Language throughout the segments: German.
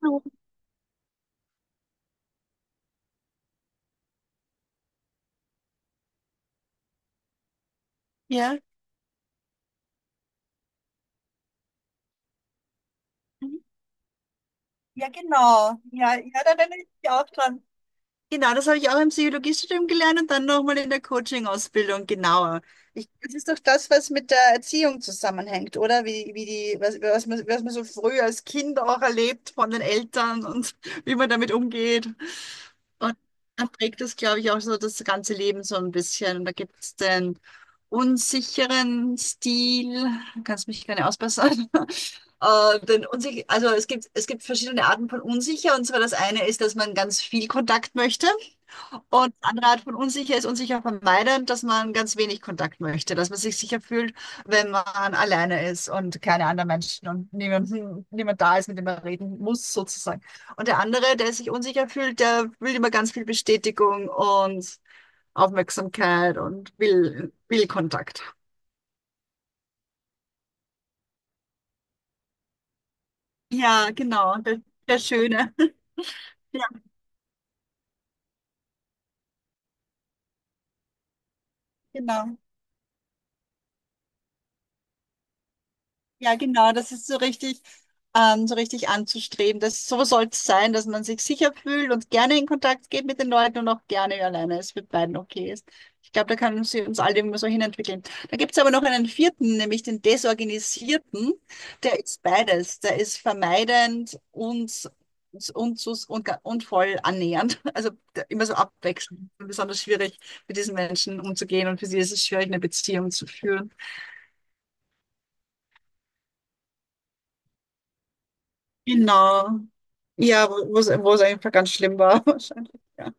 Blumen, ja. Mhm. Ja, genau. Ja, ja, da bin ich mich auch dran. Genau, das habe ich auch im Psychologiestudium gelernt und dann nochmal in der Coaching-Ausbildung genauer. Das ist doch das, was mit der Erziehung zusammenhängt, oder? Wie, wie die, was, was man so früh als Kind auch erlebt von den Eltern und wie man damit umgeht. Und dann prägt es, glaube ich, auch so das ganze Leben so ein bisschen. Und da gibt es den unsicheren Stil, kannst mich gerne ausbessern. Den unsich also es gibt verschiedene Arten von unsicher. Und zwar das eine ist, dass man ganz viel Kontakt möchte. Und andere Art von unsicher ist unsicher vermeiden, dass man ganz wenig Kontakt möchte, dass man sich sicher fühlt, wenn man alleine ist und keine anderen Menschen und niemand da ist, mit dem man reden muss, sozusagen. Und der andere, der sich unsicher fühlt, der will immer ganz viel Bestätigung und Aufmerksamkeit und will Kontakt. Ja, genau, der Schöne. Ja, genau. Ja, genau, das ist so richtig anzustreben. Das, so soll es sein, dass man sich sicher fühlt und gerne in Kontakt geht mit den Leuten und auch gerne alleine ist, mit beiden okay ist. Ich glaube, da können sie uns alle immer so hinentwickeln. Da gibt es aber noch einen vierten, nämlich den Desorganisierten. Der ist beides. Der ist vermeidend und voll annähernd. Also der, immer so abwechselnd. Besonders schwierig, mit diesen Menschen umzugehen und für sie ist es schwierig, eine Beziehung zu führen. Genau. Ja, wo es einfach ganz schlimm war, wahrscheinlich, ja.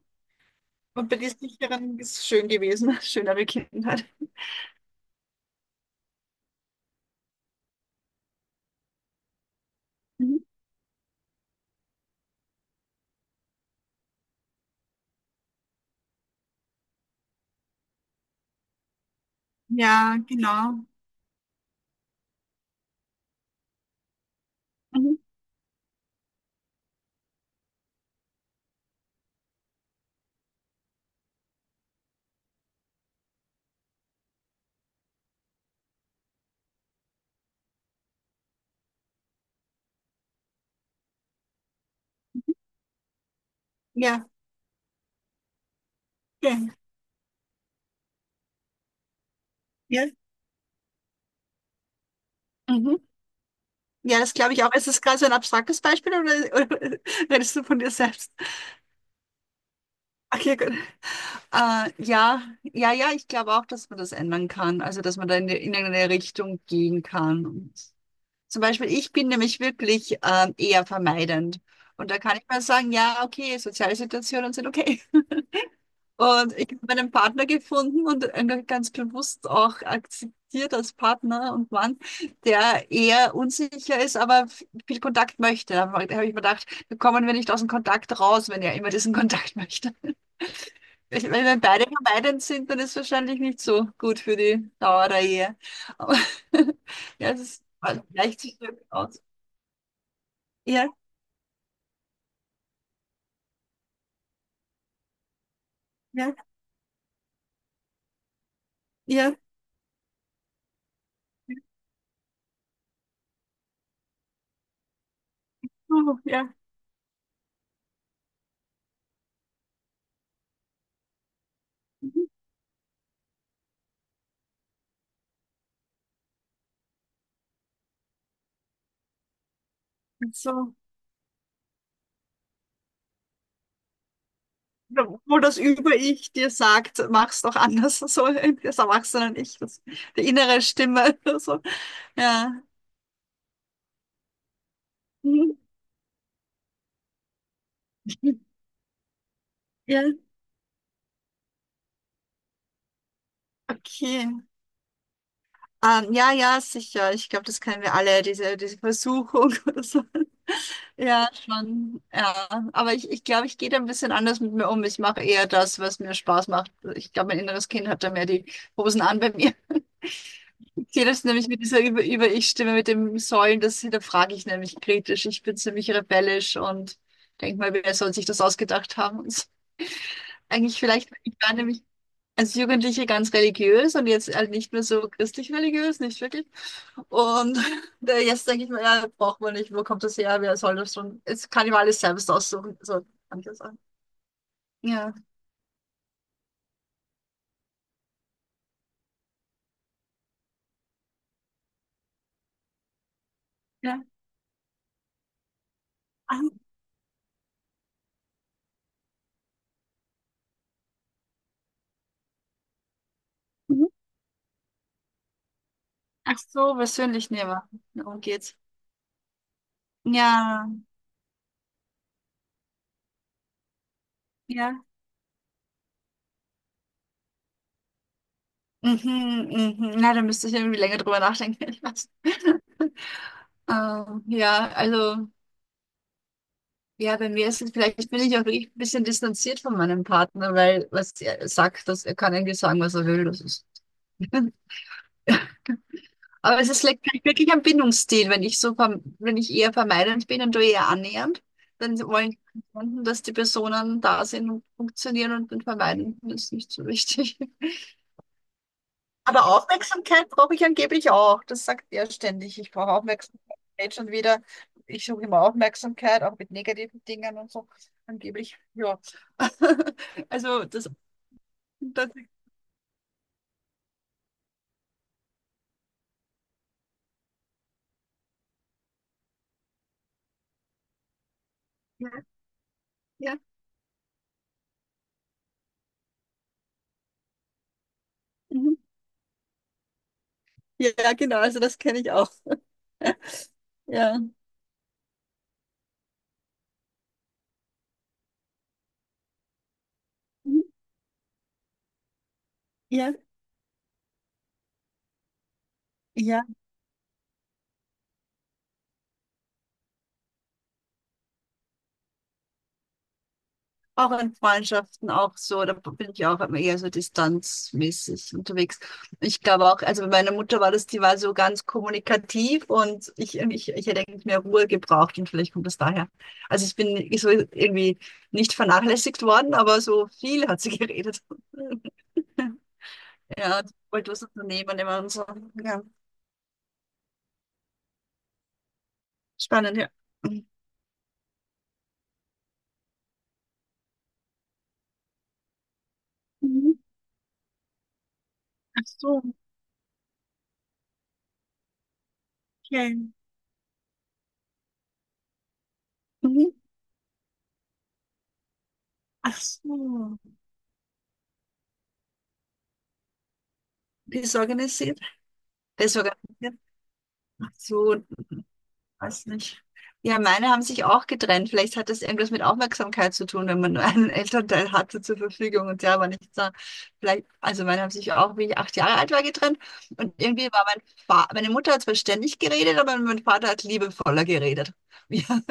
Und bei den sicheren ist es schön gewesen, schönere Kindheit. Mhm. Ja, genau. Mhm. Ja, schön. Ja. Mhm. Ja, das glaube ich auch. Ist das gerade so ein abstraktes Beispiel oder redest du von dir selbst? Okay, gut. Ja, ja, ja, ich glaube auch, dass man das ändern kann. Also, dass man da in eine Richtung gehen kann. Zum Beispiel, ich bin nämlich wirklich eher vermeidend. Und da kann ich mal sagen, ja, okay, soziale Situationen sind okay. Und ich habe meinen Partner gefunden und einen ganz bewusst auch akzeptiert als Partner und Mann, der eher unsicher ist, aber viel Kontakt möchte. Da habe ich mir gedacht, da kommen wir nicht aus dem Kontakt raus, wenn er immer diesen Kontakt möchte. Wenn wir beide vermeidend sind, dann ist es wahrscheinlich nicht so gut für die Dauer der Ehe. Aber ja, es ist, also, gleicht sich wirklich aus. Ja, ja. Ja, so, ja. Mhm. So, wo das Über-Ich dir sagt, mach's doch anders, so das Erwachsenen-Ich, das, die innere Stimme, so, ja. Mhm. Ja, okay. Ja, ja, sicher. Ich glaube, das kennen wir alle, diese Versuchung oder so. Ja, schon. Ja, aber ich glaube, ich gehe da ein bisschen anders mit mir um. Ich mache eher das, was mir Spaß macht. Ich glaube, mein inneres Kind hat da mehr die Hosen an bei mir. Okay, das nämlich mit dieser Über-Ich-Stimme, mit dem Säulen, das hinterfrage ich nämlich kritisch. Ich bin ziemlich rebellisch und denke mal, wer soll sich das ausgedacht haben? Eigentlich vielleicht, ich war nämlich als Jugendliche ganz religiös und jetzt halt nicht mehr so christlich-religiös, nicht wirklich. Und da jetzt denke ich mir, ja, braucht man nicht, wo kommt das her, wer soll das schon? Jetzt kann ich mir alles selbst aussuchen, so kann ich das sagen. Ja. Ja. Ach, mhm. Ach so, persönlich nehmen. Darum geht's. Ja, ja. Mhm, mhm. Na, da müsste ich irgendwie länger drüber nachdenken. Ich weiß. Ja, also, ja, bei mir ist es vielleicht, bin ich auch wirklich ein bisschen distanziert von meinem Partner, weil was er sagt, dass er kann eigentlich sagen, was er will. Das ist. Aber es ist vielleicht wirklich ein Bindungsstil, wenn ich so, wenn ich eher vermeidend bin und du eher annähernd, dann wollen Kunden, dass die Personen da sind und funktionieren und den Vermeidenden ist nicht so wichtig. Aber Aufmerksamkeit brauche ich angeblich auch. Das sagt er ständig. Ich brauche Aufmerksamkeit. Jetzt schon wieder. Ich suche immer Aufmerksamkeit, auch mit negativen Dingen und so. Angeblich, ja. Also das ja, ja. Mhm. Ja, genau. Also das kenne ich auch. Ja. Mhm. Ja. Ja. Auch in Freundschaften auch so, da bin ich auch immer eher so distanzmäßig unterwegs. Ich glaube auch, also bei meiner Mutter war das, die war so ganz kommunikativ und ich hätte eigentlich mehr Ruhe gebraucht und vielleicht kommt das daher. Also ich bin so irgendwie nicht vernachlässigt worden, aber so viel hat sie geredet. Ja, die wollte was unternehmen immer und so. Ja, spannend, ja. Mhm. Ach so, okay. Mhm. Ach so, die ist organisiert. Der ist organisiert. Ach so, weiß nicht. Ja, meine haben sich auch getrennt. Vielleicht hat das irgendwas mit Aufmerksamkeit zu tun, wenn man nur einen Elternteil hatte zur Verfügung und der war nicht da. Vielleicht, also meine haben sich auch, wie ich 8 Jahre alt war, getrennt. Und irgendwie war mein Vater, meine Mutter hat zwar ständig geredet, aber mein Vater hat liebevoller geredet. Ja,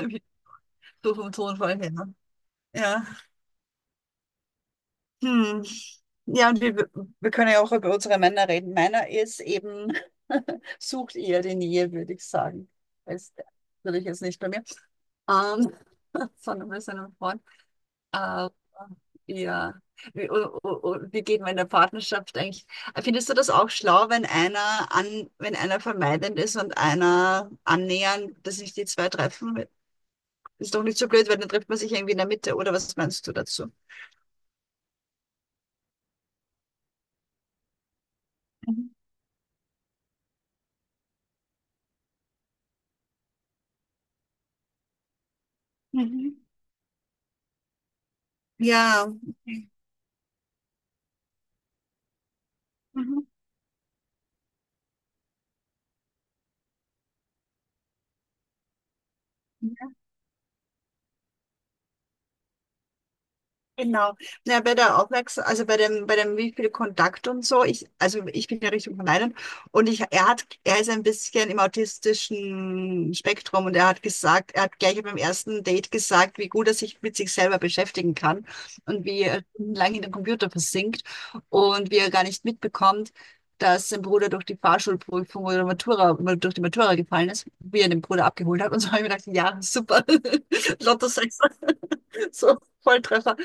so vom Tonfall her. Ne? Ja. Hm. Ja, und wir können ja auch über unsere Männer reden. Meiner ist eben, sucht eher die Nähe, würde ich sagen. Ist natürlich jetzt nicht bei mir. Ähm, von ein bisschen im Freund. Aber ja. Wie, wie geht man in der Partnerschaft eigentlich? Findest du das auch schlau, wenn einer vermeidend ist und einer annähernd, dass sich die zwei treffen? Ist doch nicht so blöd, weil dann trifft man sich irgendwie in der Mitte, oder was meinst du dazu? Mhm. Mhm. Ja. Mhm. Genau. Ja, bei der Aufmerksamkeit, also bei dem, wie viel Kontakt und so, ich, also ich bin ja Richtung vermeiden und er hat, er ist ein bisschen im autistischen Spektrum und er hat gesagt, er hat gleich beim ersten Date gesagt, wie gut er sich mit sich selber beschäftigen kann und wie er lange in den Computer versinkt und wie er gar nicht mitbekommt, dass sein Bruder durch die Fahrschulprüfung oder Matura, durch die Matura gefallen ist, wie er den Bruder abgeholt hat und so habe ich mir gedacht, ja, super, Lotto 6, so Volltreffer.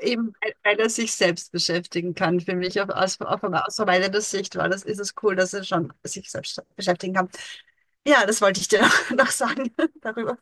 Eben, weil er sich selbst beschäftigen kann, für mich auf, aus verweilerter Sicht, weil das ist es cool, dass er schon sich selbst beschäftigen kann. Ja, das wollte ich dir noch sagen darüber.